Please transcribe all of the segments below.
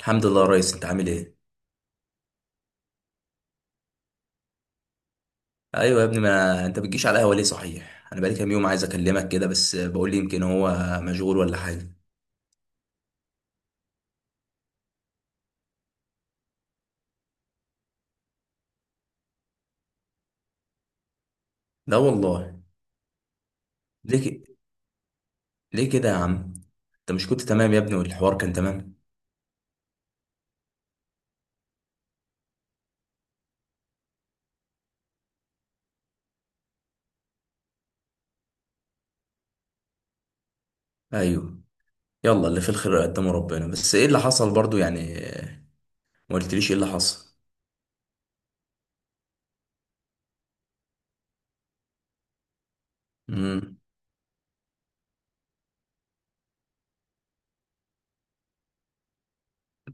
الحمد لله يا ريس، انت عامل ايه؟ ايوه يا ابني، ما انت بتجيش على القهوه ليه؟ صحيح انا بقالي كام يوم عايز اكلمك كده، بس بقول لي يمكن هو مشغول ولا حاجه. لا والله. ليه ك... ليه كده يا عم؟ انت مش كنت تمام يا ابني والحوار كان تمام؟ ايوه. يلا، اللي في الخير قدامه ربنا، بس ايه اللي حصل برضو يعني؟ ما قلتليش ايه اللي حصل. امم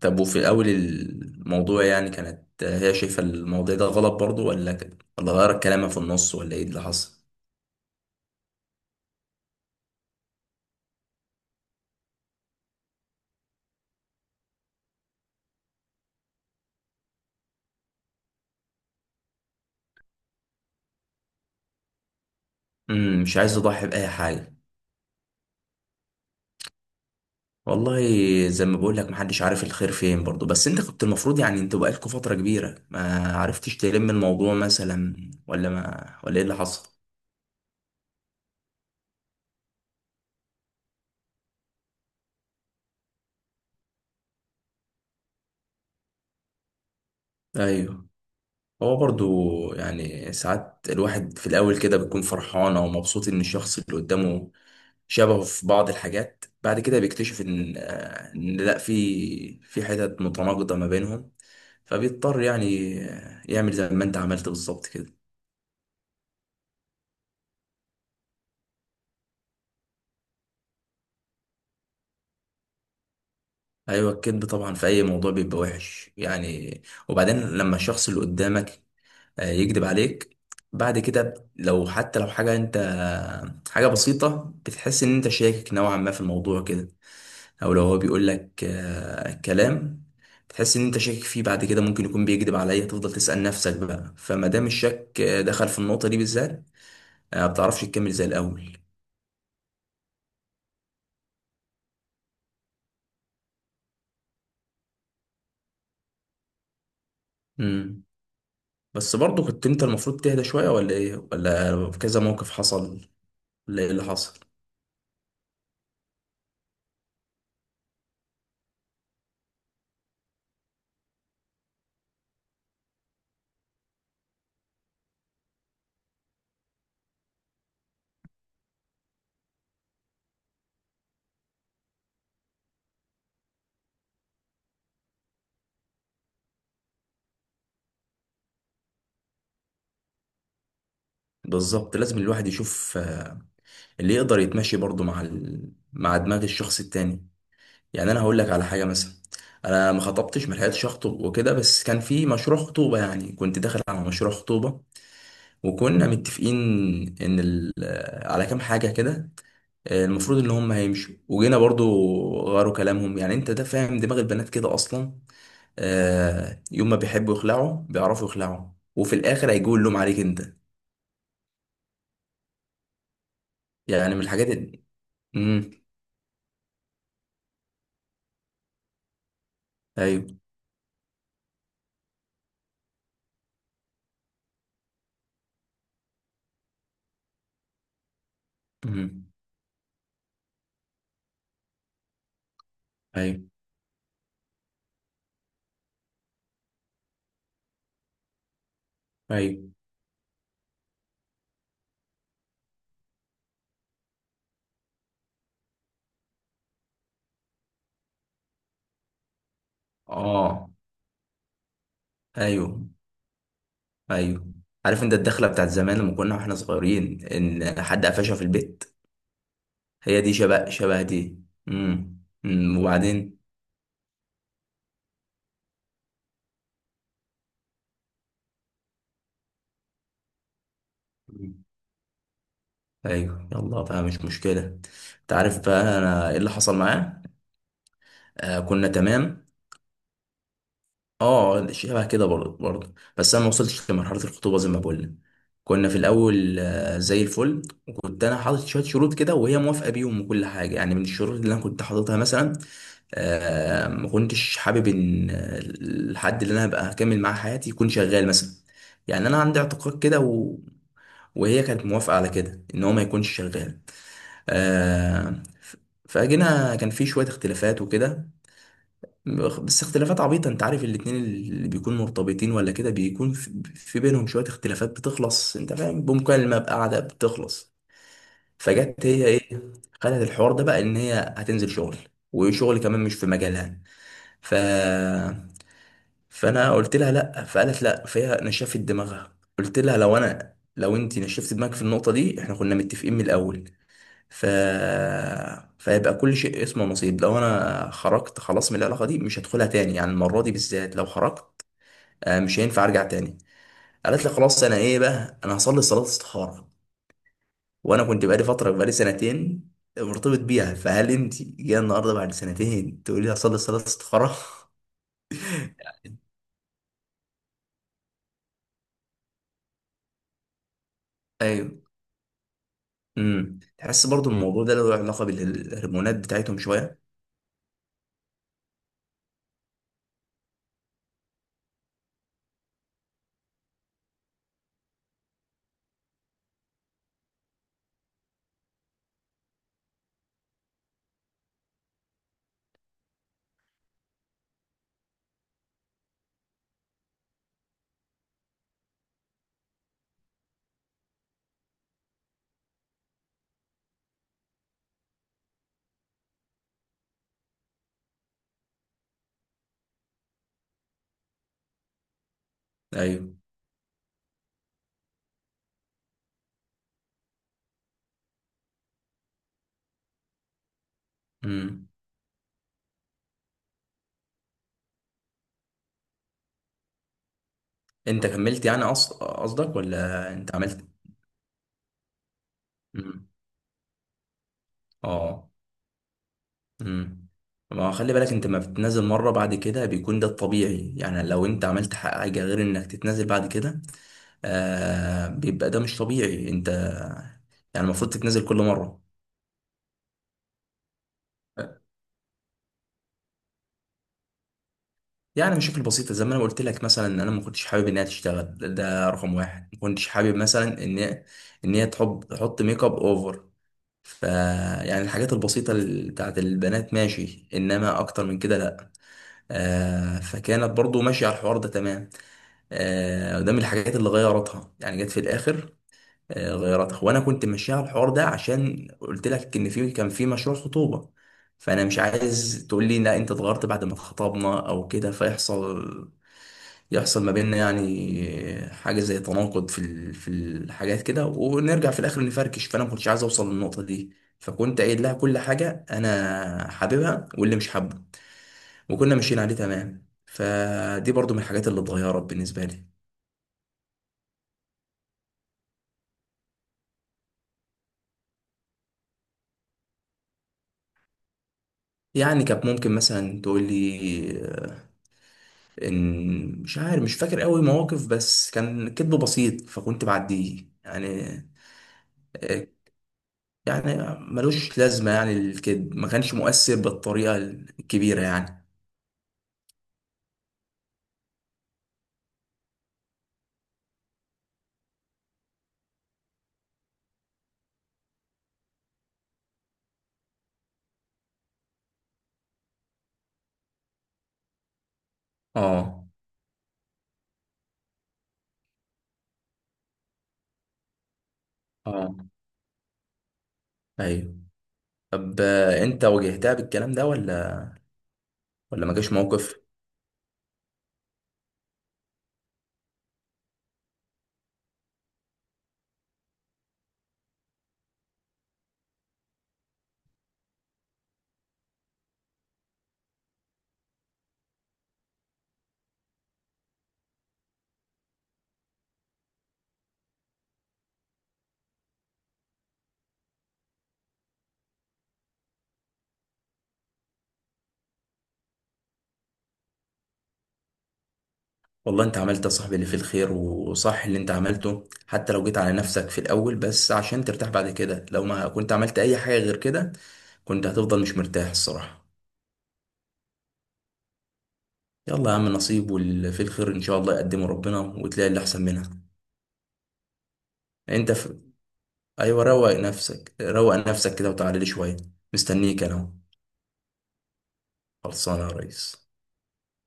طب، وفي اول الموضوع يعني كانت هي شايفه الموضوع ده غلط برضو، ولا كده، ولا غيرت كلامها في النص، ولا ايه اللي حصل؟ مش عايز اضحي باي حاجه. والله، زي ما بقول لك محدش عارف الخير فين برضه، بس انت كنت المفروض يعني، انت بقالكوا فترة كبيرة ما عرفتش تلم الموضوع مثلا، ولا ما ولا ايه اللي حصل؟ ايوه. هو برضه يعني ساعات الواحد في الاول كده بيكون فرحان او مبسوط ان الشخص اللي قدامه شبهه في بعض الحاجات، بعد كده بيكتشف ان ان لا، في حتت متناقضة ما بينهم. فبيضطر يعني يعمل زي ما انت عملت بالظبط كده. ايوه، الكذب طبعا في اي موضوع بيبقى وحش يعني. وبعدين لما الشخص اللي قدامك يكذب عليك، بعد كده لو حتى لو حاجه حاجه بسيطه بتحس ان انت شاكك نوعا ما في الموضوع كده. او لو هو بيقول لك كلام، بتحس ان انت شاكك فيه. بعد كده ممكن يكون بيكذب عليا، تفضل تسأل نفسك بقى. فما دام الشك دخل في النقطه دي بالذات، ما بتعرفش تكمل زي الاول. امم بس برضه كنت انت المفروض تهدى شويه، ولا ايه، ولا كذا موقف حصل، ولا ايه اللي حصل؟ بالظبط، لازم الواحد يشوف اللي يقدر يتمشي برضه مع مع دماغ الشخص التاني. يعني انا هقول لك على حاجه مثلا، انا ما خطبتش، ما لحقتش اخطب وكده، بس كان في مشروع خطوبه. يعني كنت داخل على مشروع خطوبه وكنا متفقين ان ال... على كام حاجه كده المفروض ان هم هيمشوا، وجينا برضو غيروا كلامهم. يعني انت ده فاهم دماغ البنات كده اصلا، يوم ما بيحبوا يخلعوا بيعرفوا يخلعوا، وفي الاخر هيجوا اللوم عليك انت. يعني من الحاجات ال- امم. ايوه. مم. ايوه. ايوه. اه. ايوه. ايوه. عارف انت الدخله بتاعت زمان لما كنا واحنا صغيرين ان حد قفشها في البيت؟ هي دي شبه دي. امم. أمم، وبعدين. أمم. ايوه، يلا بقى، مش مشكله. انت عارف بقى انا ايه اللي حصل معاه؟ آه، كنا تمام. اه شبه كده برضه، بس انا ما وصلتش لمرحله الخطوبه زي ما بقول لك. كنا في الاول زي الفل. وكنت انا حاطط شويه شروط كده، وهي موافقه بيهم وكل حاجه. يعني من الشروط اللي انا كنت حاططها مثلا، ما كنتش حابب ان الحد اللي انا هبقى هكمل معاه حياتي يكون شغال مثلا. يعني انا عندي اعتقاد كده وهي كانت موافقه على كده ان هو ما يكونش شغال. آه، ف- فجينا كان في شويه اختلافات وكده، بس اختلافات عبيطه. انت عارف الاتنين اللي بيكونوا مرتبطين ولا كده بيكون في بينهم شويه اختلافات بتخلص، انت فاهم، بمكالمه، بقعده بتخلص. فجت هي ايه، خلت الحوار ده بقى ان هي هتنزل شغل، وشغل كمان مش في مجالها. ف فانا قلت لها لا، فقالت لا، فهي نشفت دماغها. قلت لها لو انت نشفت دماغك في النقطه دي، احنا كنا متفقين من الاول. ف فيبقى كل شيء اسمه نصيب. لو انا خرجت خلاص من العلاقه دي مش هدخلها تاني، يعني المره دي بالذات لو خرجت مش هينفع ارجع تاني. قالت لي خلاص، انا ايه بقى، انا هصلي صلاه استخاره. وانا كنت بقالي فتره، بقالي سنتين مرتبط بيها، فهل انت جايه النهارده بعد سنتين تقولي لي هصلي صلاه استخاره؟ ايوه. امم، تحس برضو الموضوع ده له علاقة بالهرمونات بتاعتهم شوية. ايوه. امم. انت كملت يعني، قصدك، ولا انت عملت؟ امم. اه. امم. ما هو خلي بالك، انت ما بتتنازل مرة، بعد كده بيكون ده الطبيعي. يعني لو انت عملت حاجة غير انك تتنازل بعد كده، بيبقى ده مش طبيعي. انت يعني المفروض تتنازل كل مرة. يعني مشاكل بسيطة زي ما أنا قلت لك مثلا، إن أنا ما كنتش حابب إنها تشتغل. ده رقم واحد. ما كنتش حابب مثلا إن هي تحب تحط ميك اب أوفر. ف يعني الحاجات البسيطة بتاعت البنات ماشي، إنما أكتر من كده لأ. فكانت برضو ماشية على الحوار ده تمام. ده من الحاجات اللي غيرتها، يعني جت في الآخر غيرتها. وأنا كنت ماشية على الحوار ده عشان قلت لك إن في كان في مشروع خطوبة. فأنا مش عايز تقول لي لا، أنت اتغيرت بعد ما اتخطبنا أو كده، فيحصل، يحصل ما بيننا يعني حاجة زي تناقض في في الحاجات كده، ونرجع في الآخر نفركش. فأنا ما كنتش عايز أوصل للنقطة دي، فكنت قايل لها كل حاجة أنا حاببها واللي مش حابه، وكنا ماشيين عليه تمام. فدي برضو من الحاجات اللي اتغيرت بالنسبة لي. يعني كانت ممكن مثلا تقول لي إن، مش عارف، مش فاكر قوي مواقف، بس كان كذب بسيط فكنت بعديه يعني. يعني ملوش لازمة، يعني الكذب ما كانش مؤثر بالطريقة الكبيرة يعني. اه. اه. ايوه. طب انت واجهتها بالكلام ده، ولا ما جاش موقف؟ والله انت عملت يا صاحبي اللي فيه الخير، وصح اللي انت عملته، حتى لو جيت على نفسك في الاول بس عشان ترتاح بعد كده. لو ما كنت عملت اي حاجة غير كده كنت هتفضل مش مرتاح الصراحة. يلا يا عم، نصيب، واللي فيه الخير ان شاء الله يقدمه ربنا، وتلاقي اللي احسن منها. انت في... ايوه، روق نفسك، روق نفسك كده، وتعالى لي شوية. مستنيك انا أهو. خلصانه يا ريس.